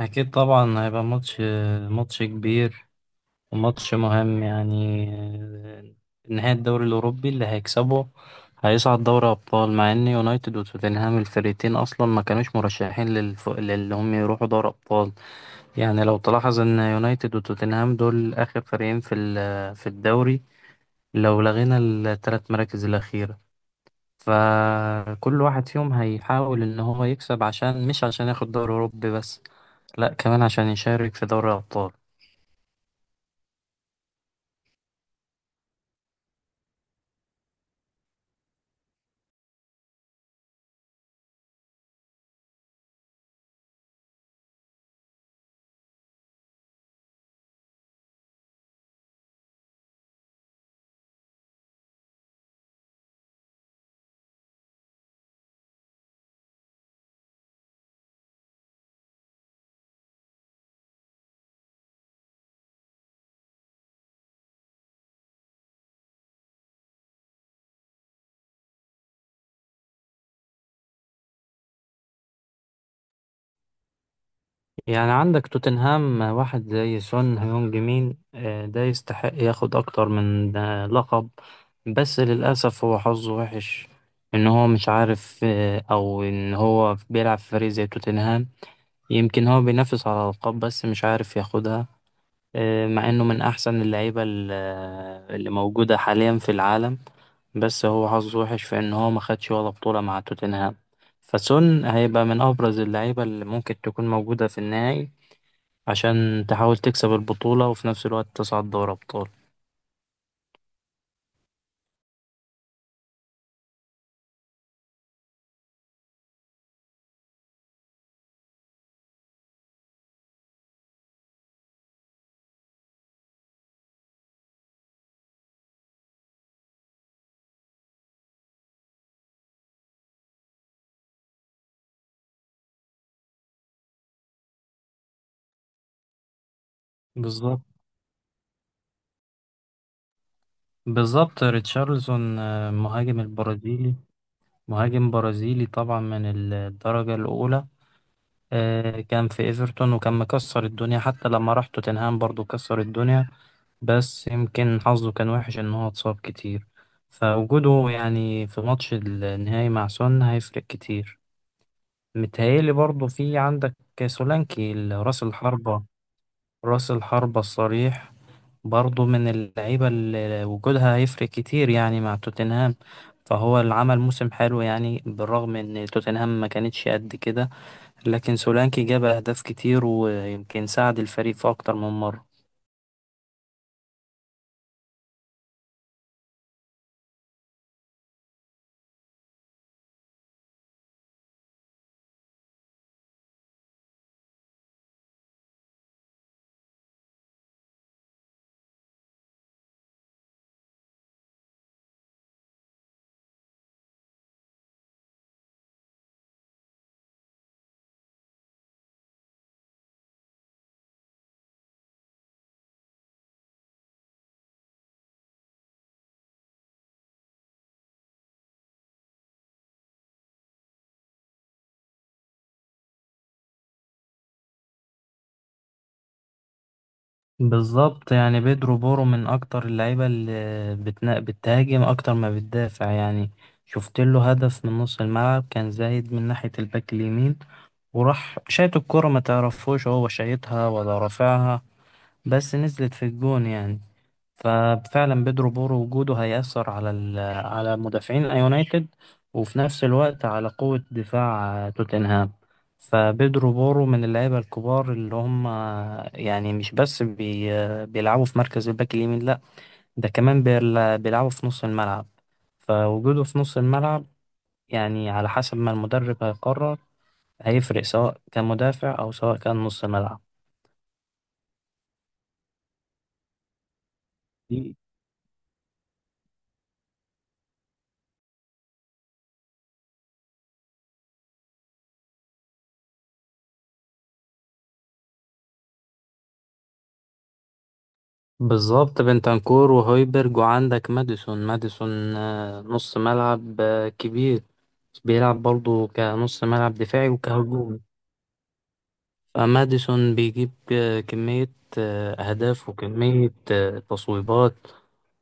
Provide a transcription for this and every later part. أكيد طبعا هيبقى ماتش كبير، وماتش مهم يعني. نهاية الدوري الأوروبي اللي هيكسبه هيصعد دوري أبطال، مع إن يونايتد وتوتنهام الفريقين أصلا ما كانوش مرشحين للي هم يروحوا دوري أبطال. يعني لو تلاحظ إن يونايتد وتوتنهام دول آخر فريقين في الدوري، لو لغينا الثلاث مراكز الأخيرة. فكل واحد فيهم هيحاول إن هو يكسب، عشان مش عشان ياخد دوري أوروبي بس، لأ كمان عشان يشارك في دوري أبطال. يعني عندك توتنهام واحد زي سون هيونج مين، ده يستحق ياخد أكتر من لقب. بس للأسف هو حظه وحش إن هو مش عارف، أو إن هو بيلعب في فريق زي توتنهام. يمكن هو بينافس على الألقاب بس مش عارف ياخدها. مع إنه من أحسن اللعيبة اللي موجودة حاليا في العالم. بس هو حظه وحش في إن هو ما خدش ولا بطولة مع توتنهام. فسون هيبقى من أبرز اللعيبة اللي ممكن تكون موجودة في النهائي، عشان تحاول تكسب البطولة وفي نفس الوقت تصعد دوري أبطال. بالظبط. بالظبط. ريتشارلسون مهاجم البرازيلي، مهاجم برازيلي طبعا من الدرجة الأولى. كان في إيفرتون وكان مكسر الدنيا، حتى لما راح توتنهام برضو كسر الدنيا. بس يمكن حظه كان وحش إن هو اتصاب كتير. فوجوده يعني في ماتش النهائي مع سون هيفرق كتير. متهيألي برضو في عندك سولانكي، راس الحربة، راس الحربة الصريح، برضه من اللعيبة اللي وجودها هيفرق كتير يعني مع توتنهام. فهو اللي عمل موسم حلو يعني، بالرغم ان توتنهام ما كانتش قد كده، لكن سولانكي جاب اهداف كتير ويمكن ساعد الفريق في اكتر من مرة. بالظبط. يعني بيدرو بورو من اكتر اللعيبة اللي بتهاجم اكتر ما بتدافع يعني. شفت له هدف من نص الملعب، كان زايد من ناحية الباك اليمين، وراح شايط الكرة، ما تعرفوش هو شايطها ولا رافعها، بس نزلت في الجون يعني. ففعلا بيدرو بورو وجوده هيأثر على على مدافعين يونايتد، وفي نفس الوقت على قوة دفاع توتنهام. فبيدرو بورو من اللعيبة الكبار، اللي هم يعني مش بس بيلعبوا في مركز الباك اليمين، لا، ده كمان بيلعبوا في نص الملعب. فوجوده في نص الملعب، يعني على حسب ما المدرب هيقرر، هيفرق، سواء كان مدافع أو سواء كان نص ملعب. بالظبط. بنتنكور وهويبرج، وعندك ماديسون، نص ملعب كبير. بيلعب برضه كنص ملعب دفاعي وكهجومي. فماديسون بيجيب كمية أهداف، وكمية تصويبات،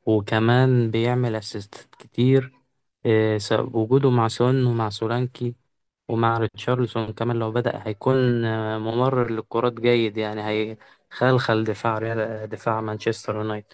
وكمان بيعمل أسيستات كتير. وجوده مع سون ومع سولانكي ومع ريتشارلسون كمان، لو بدأ هيكون ممرر للكرات جيد يعني. هيخلخل دفاع دفاع مانشستر يونايتد.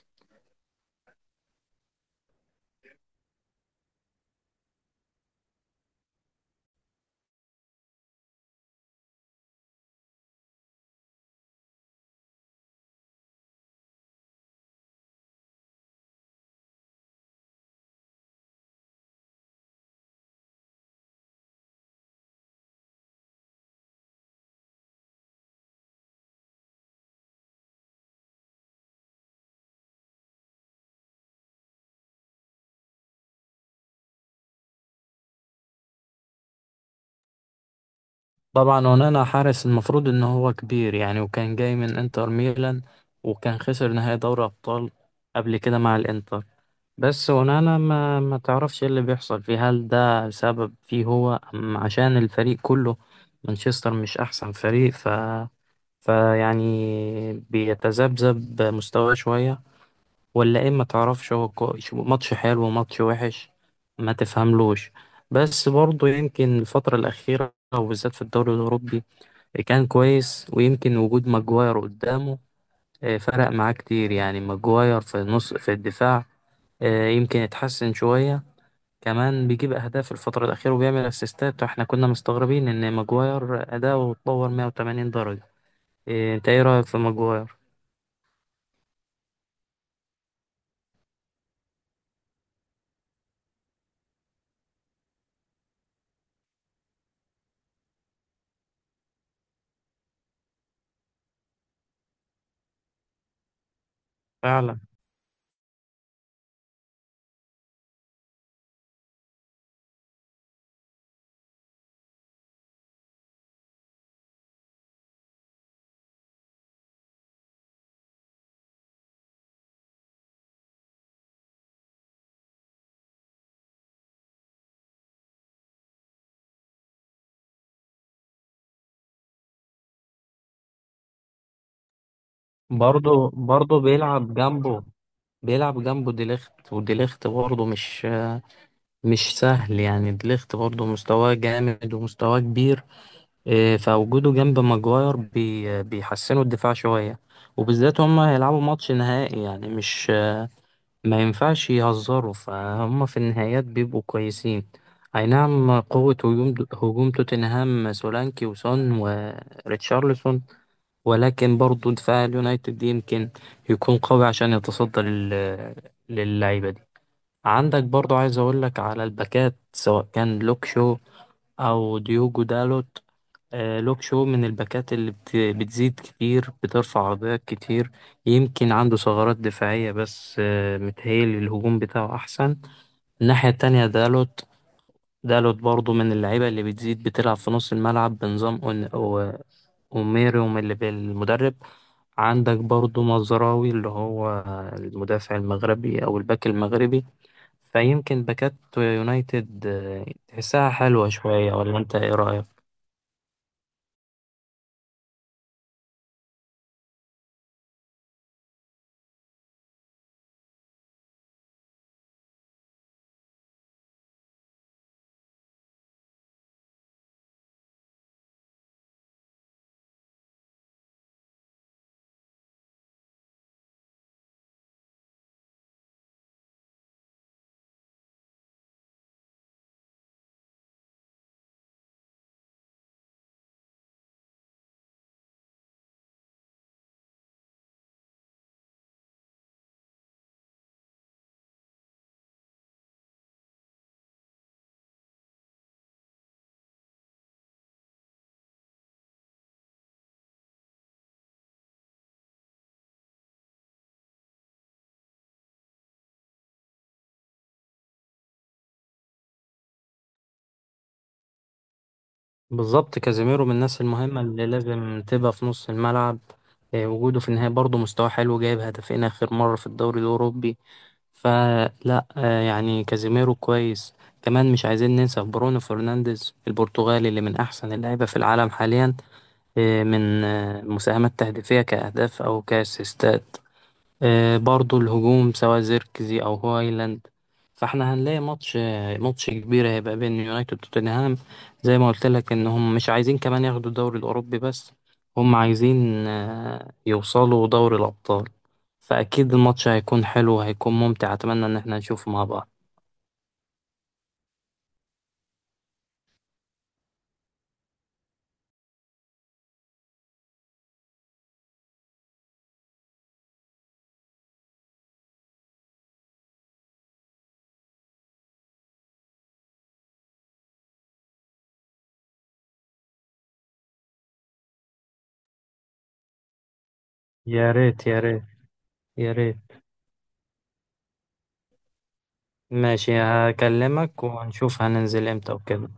طبعا ونانا حارس، المفروض ان هو كبير يعني، وكان جاي من انتر ميلان، وكان خسر نهائي دوري ابطال قبل كده مع الانتر. بس ونانا ما تعرفش إيه اللي بيحصل فيه، هل ده سبب فيه هو أم عشان الفريق كله؟ مانشستر مش احسن فريق، فيعني بيتذبذب مستواه شوية، ولا ايه ما تعرفش. هو ماتش حلو وماتش وحش، ما تفهملوش. بس برضه يمكن الفترة الأخيرة، وبالذات في الدوري الأوروبي، كان كويس. ويمكن وجود ماجواير قدامه فرق معاه كتير يعني. ماجواير في النص في الدفاع، يمكن اتحسن شوية. كمان بيجيب أهداف الفترة الأخيرة وبيعمل أسيستات. واحنا كنا مستغربين إن ماجواير أداؤه اتطور 180 درجة. انت ايه رأيك في ماجواير؟ فعلا. برضه بيلعب جنبه ديليخت، وديليخت برضه مش سهل يعني. ديليخت برضه مستواه جامد ومستواه كبير. فوجوده جنب ماجواير بيحسنوا الدفاع شوية. وبالذات هما هيلعبوا ماتش نهائي، يعني مش، ما ينفعش يهزروا. فهم في النهايات بيبقوا كويسين. أي نعم، قوة هجوم توتنهام سولانكي وسون وريتشارلسون، ولكن برضه دفاع اليونايتد يمكن يكون قوي عشان يتصدى للعيبة. عندك برضو، عايز اقول لك على الباكات، سواء كان لوك شو او ديوجو دالوت. لوك شو من الباكات اللي بتزيد كتير، بترفع عرضيات كتير، يمكن عنده ثغرات دفاعية بس متهيألي الهجوم بتاعه أحسن. الناحية التانية دالوت. دالوت برضو من اللعيبة اللي بتزيد، بتلعب في نص الملعب، بنظام أوميروم اللي بالمدرب. عندك برضو مزراوي، اللي هو المدافع المغربي أو الباك المغربي. فيمكن باكات يونايتد تحسها حلوة شوية، ولا أنت إيه رأيك؟ بالظبط. كازيميرو من الناس المهمة اللي لازم تبقى في نص الملعب. وجوده في النهاية برضه مستواه حلو، جايب هدفين آخر مرة في الدوري الأوروبي. فلا، يعني كازيميرو كويس. كمان مش عايزين ننسى برونو فرنانديز البرتغالي، اللي من أحسن اللعيبة في العالم حاليا، من مساهمات تهديفية كأهداف أو كأسيستات. برضو الهجوم سواء زيركزي او هويلاند. فاحنا هنلاقي ماتش، ماتش كبير هيبقى بين يونايتد وتوتنهام. زي ما قلت لك ان هم مش عايزين كمان ياخدوا الدوري الاوروبي بس، هم عايزين يوصلوا دوري الابطال. فاكيد الماتش هيكون حلو وهيكون ممتع، اتمنى ان احنا نشوفه مع بعض. يا ريت يا ريت يا ريت. ماشي، هكلمك ونشوف هننزل امتى وكده.